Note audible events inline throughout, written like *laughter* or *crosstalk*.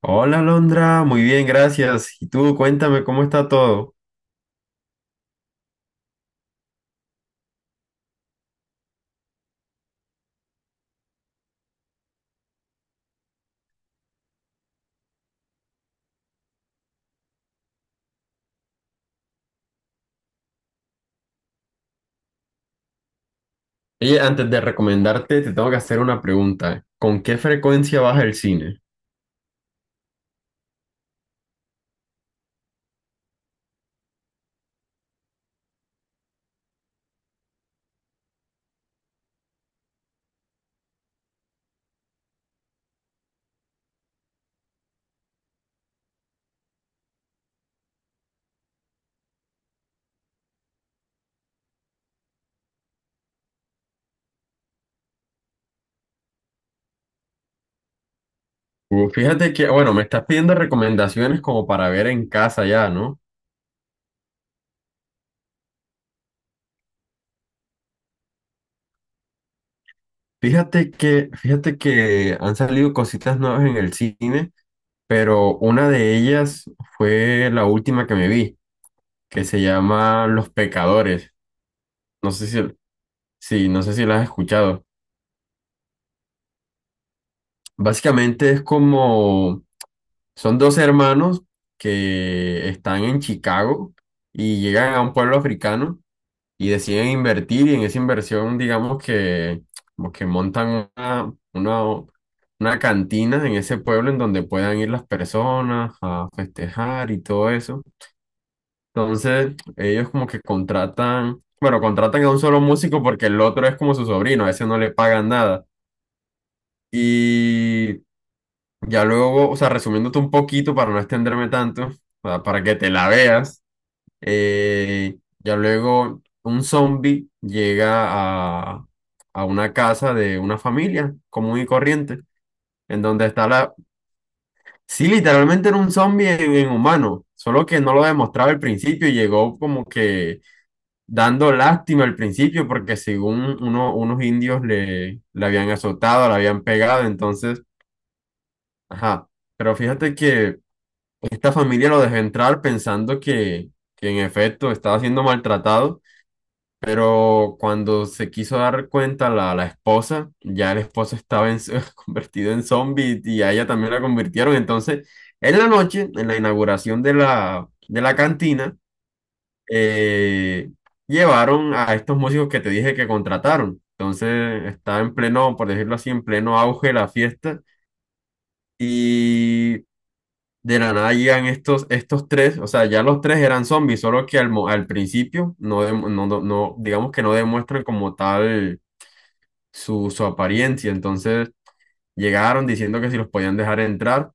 Hola, Alondra, muy bien, gracias. Y tú, cuéntame cómo está todo. Oye, antes de recomendarte, te tengo que hacer una pregunta. ¿Con qué frecuencia vas al cine? Bueno, me estás pidiendo recomendaciones como para ver en casa ya, ¿no? Fíjate que, han salido cositas nuevas en el cine, pero una de ellas fue la última que me vi, que se llama Los Pecadores. No sé si, sí, no sé si la has escuchado. Básicamente es como son dos hermanos que están en Chicago y llegan a un pueblo africano y deciden invertir, y en esa inversión digamos que como que montan una cantina en ese pueblo en donde puedan ir las personas a festejar y todo eso. Entonces ellos como que contratan, bueno, contratan a un solo músico porque el otro es como su sobrino, a ese no le pagan nada. Y ya luego, o sea, resumiéndote un poquito para no extenderme tanto, para que te la veas, ya luego un zombie llega a, a una casa de una familia común y corriente, en donde está la... Sí, literalmente era un zombie en humano, solo que no lo demostraba al principio y llegó como que dando lástima al principio porque según unos indios le habían azotado, le habían pegado, entonces, ajá, pero fíjate que... Esta familia lo dejó entrar pensando que en efecto estaba siendo maltratado, pero cuando se quiso dar cuenta la esposa, ya el esposo estaba *laughs* convertido en zombie y a ella también la convirtieron. Entonces, en la noche, en la inauguración de de la cantina, eh, llevaron a estos músicos que te dije que contrataron. Entonces, está en pleno, por decirlo así, en pleno auge la fiesta. Y de la nada llegan estos tres, o sea, ya los tres eran zombies, solo que al principio no, digamos que no demuestran como tal su apariencia. Entonces llegaron diciendo que si los podían dejar entrar,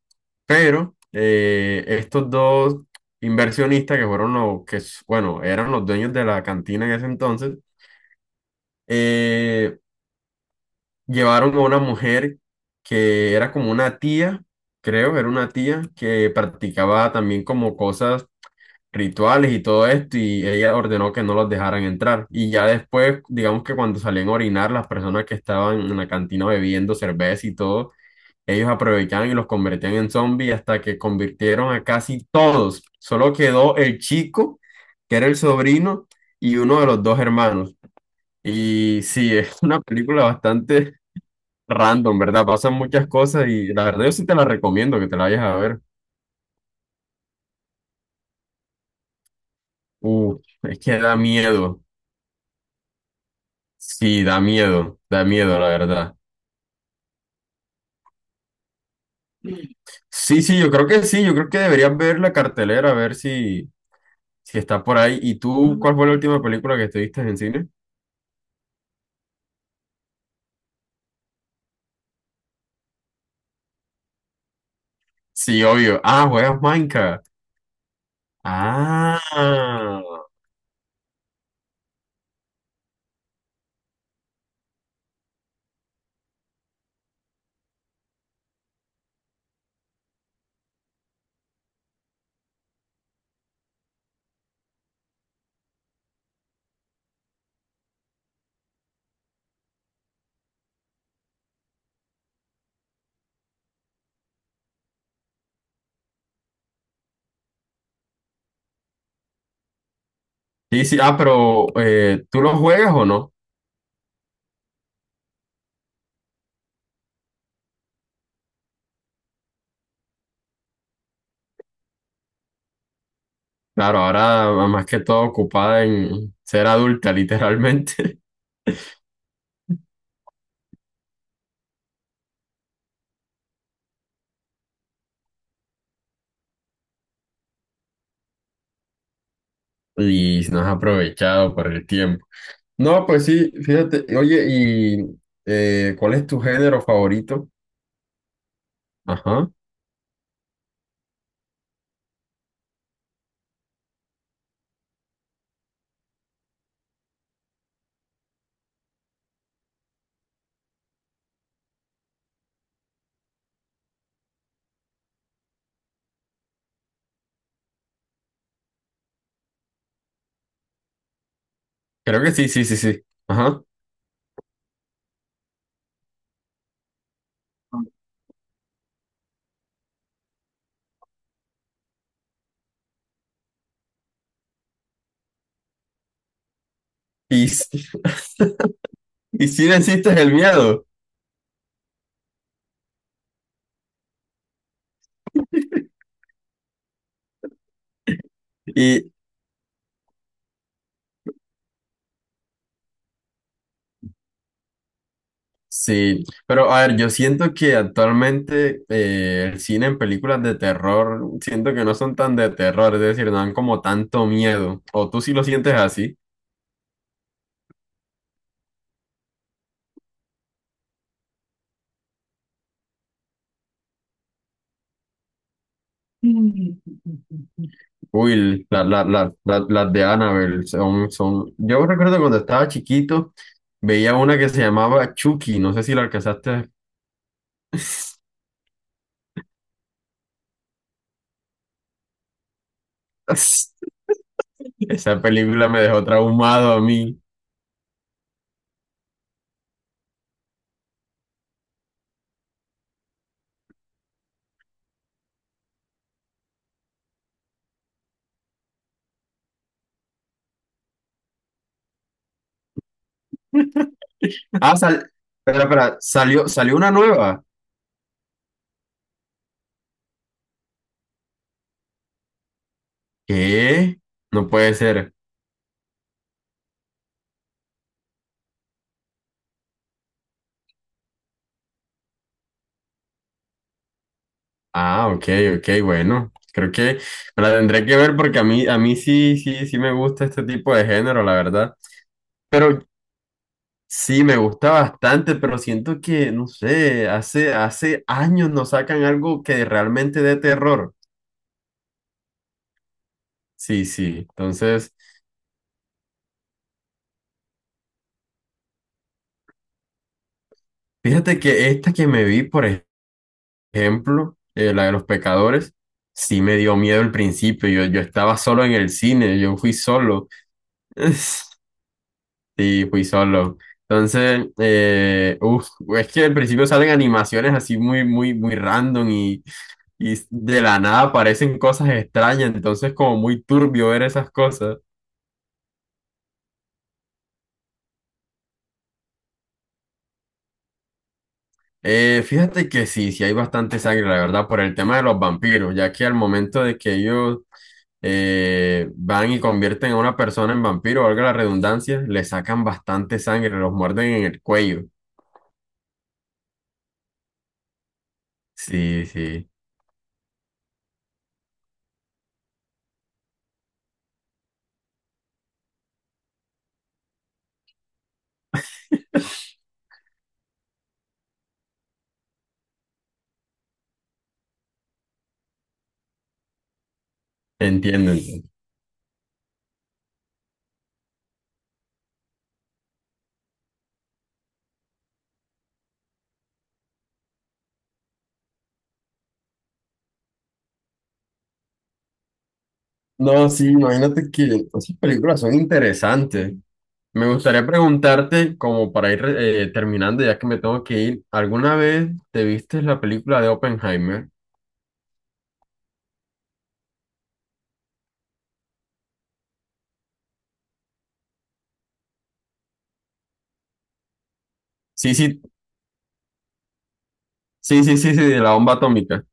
pero estos dos inversionistas que fueron los bueno, eran los dueños de la cantina en ese entonces, eh, llevaron a una mujer que era como una tía, creo, era una tía que practicaba también como cosas rituales y todo esto, y ella ordenó que no los dejaran entrar. Y ya después, digamos que cuando salían a orinar, las personas que estaban en la cantina bebiendo cerveza y todo, ellos aprovechaban y los convertían en zombies hasta que convirtieron a casi todos. Solo quedó el chico, que era el sobrino, y uno de los dos hermanos. Y sí, *laughs* es una película bastante random, ¿verdad? Pasan muchas cosas y la verdad yo sí te la recomiendo que te la vayas a ver. Es que da miedo. Sí, da miedo, la verdad. Sí, sí, yo creo que sí, yo creo que deberías ver la cartelera, a ver si está por ahí. ¿Y tú cuál fue la última película que estuviste en cine? Sí, obvio. Ah, juegas Minecraft. Ah, sí, sí, pero ¿tú lo juegas o no? Claro, ahora más que todo ocupada en ser adulta, literalmente. *laughs* Y no has aprovechado por el tiempo. No, pues sí, fíjate, oye, ¿y cuál es tu género favorito? Ajá. Creo que sí, sí, sí, sí. Ajá. Y, sí- *laughs* y sí necesitas el miedo. Y sí, pero a ver, yo siento que actualmente el cine en películas de terror, siento que no son tan de terror, es decir, no dan como tanto miedo. ¿O tú sí lo sientes así? Uy, las de Annabelle son, son... Yo recuerdo cuando estaba chiquito, veía una que se llamaba Chucky, no sé si la alcanzaste. *laughs* Esa película me dejó traumado a mí. Ah, sal... Espera, espera, salió una nueva. ¿Qué? No puede ser. Ah, ok, ok, bueno. Creo que me la tendré que ver porque a mí sí, sí, sí me gusta este tipo de género, la verdad. Pero sí, me gusta bastante, pero siento que, no sé, hace años nos sacan algo que realmente dé terror. Sí, sí. Entonces, fíjate que esta que me vi, por ejemplo, la de los pecadores, sí me dio miedo al principio. Yo estaba solo en el cine, yo fui solo. *laughs* Sí, fui solo. Entonces, es que al principio salen animaciones así muy, muy, muy random y de la nada aparecen cosas extrañas. Entonces, como muy turbio ver esas cosas. Fíjate que sí, sí hay bastante sangre, la verdad, por el tema de los vampiros, ya que al momento de que ellos van y convierten a una persona en vampiro, valga la redundancia, le sacan bastante sangre, los muerden en el cuello. Sí, sí, entiendo, entiendo. No, sí, imagínate que esas películas son interesantes. Me gustaría preguntarte, como para ir terminando, ya que me tengo que ir, ¿alguna vez te viste la película de Oppenheimer? Sí, sí, sí, de la bomba atómica.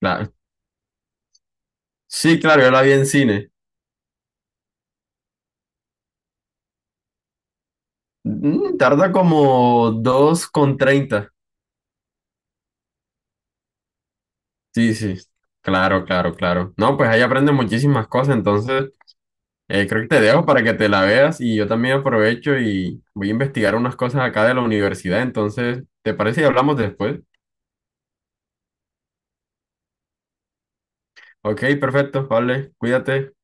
Claro. Sí, claro, yo la vi en cine. Mm, tarda como 2:30. Sí, sí, claro, no, pues ahí aprendes muchísimas cosas, entonces creo que te dejo para que te la veas y yo también aprovecho y voy a investigar unas cosas acá de la universidad. Entonces, ¿te parece y hablamos después? Ok, perfecto, vale, cuídate.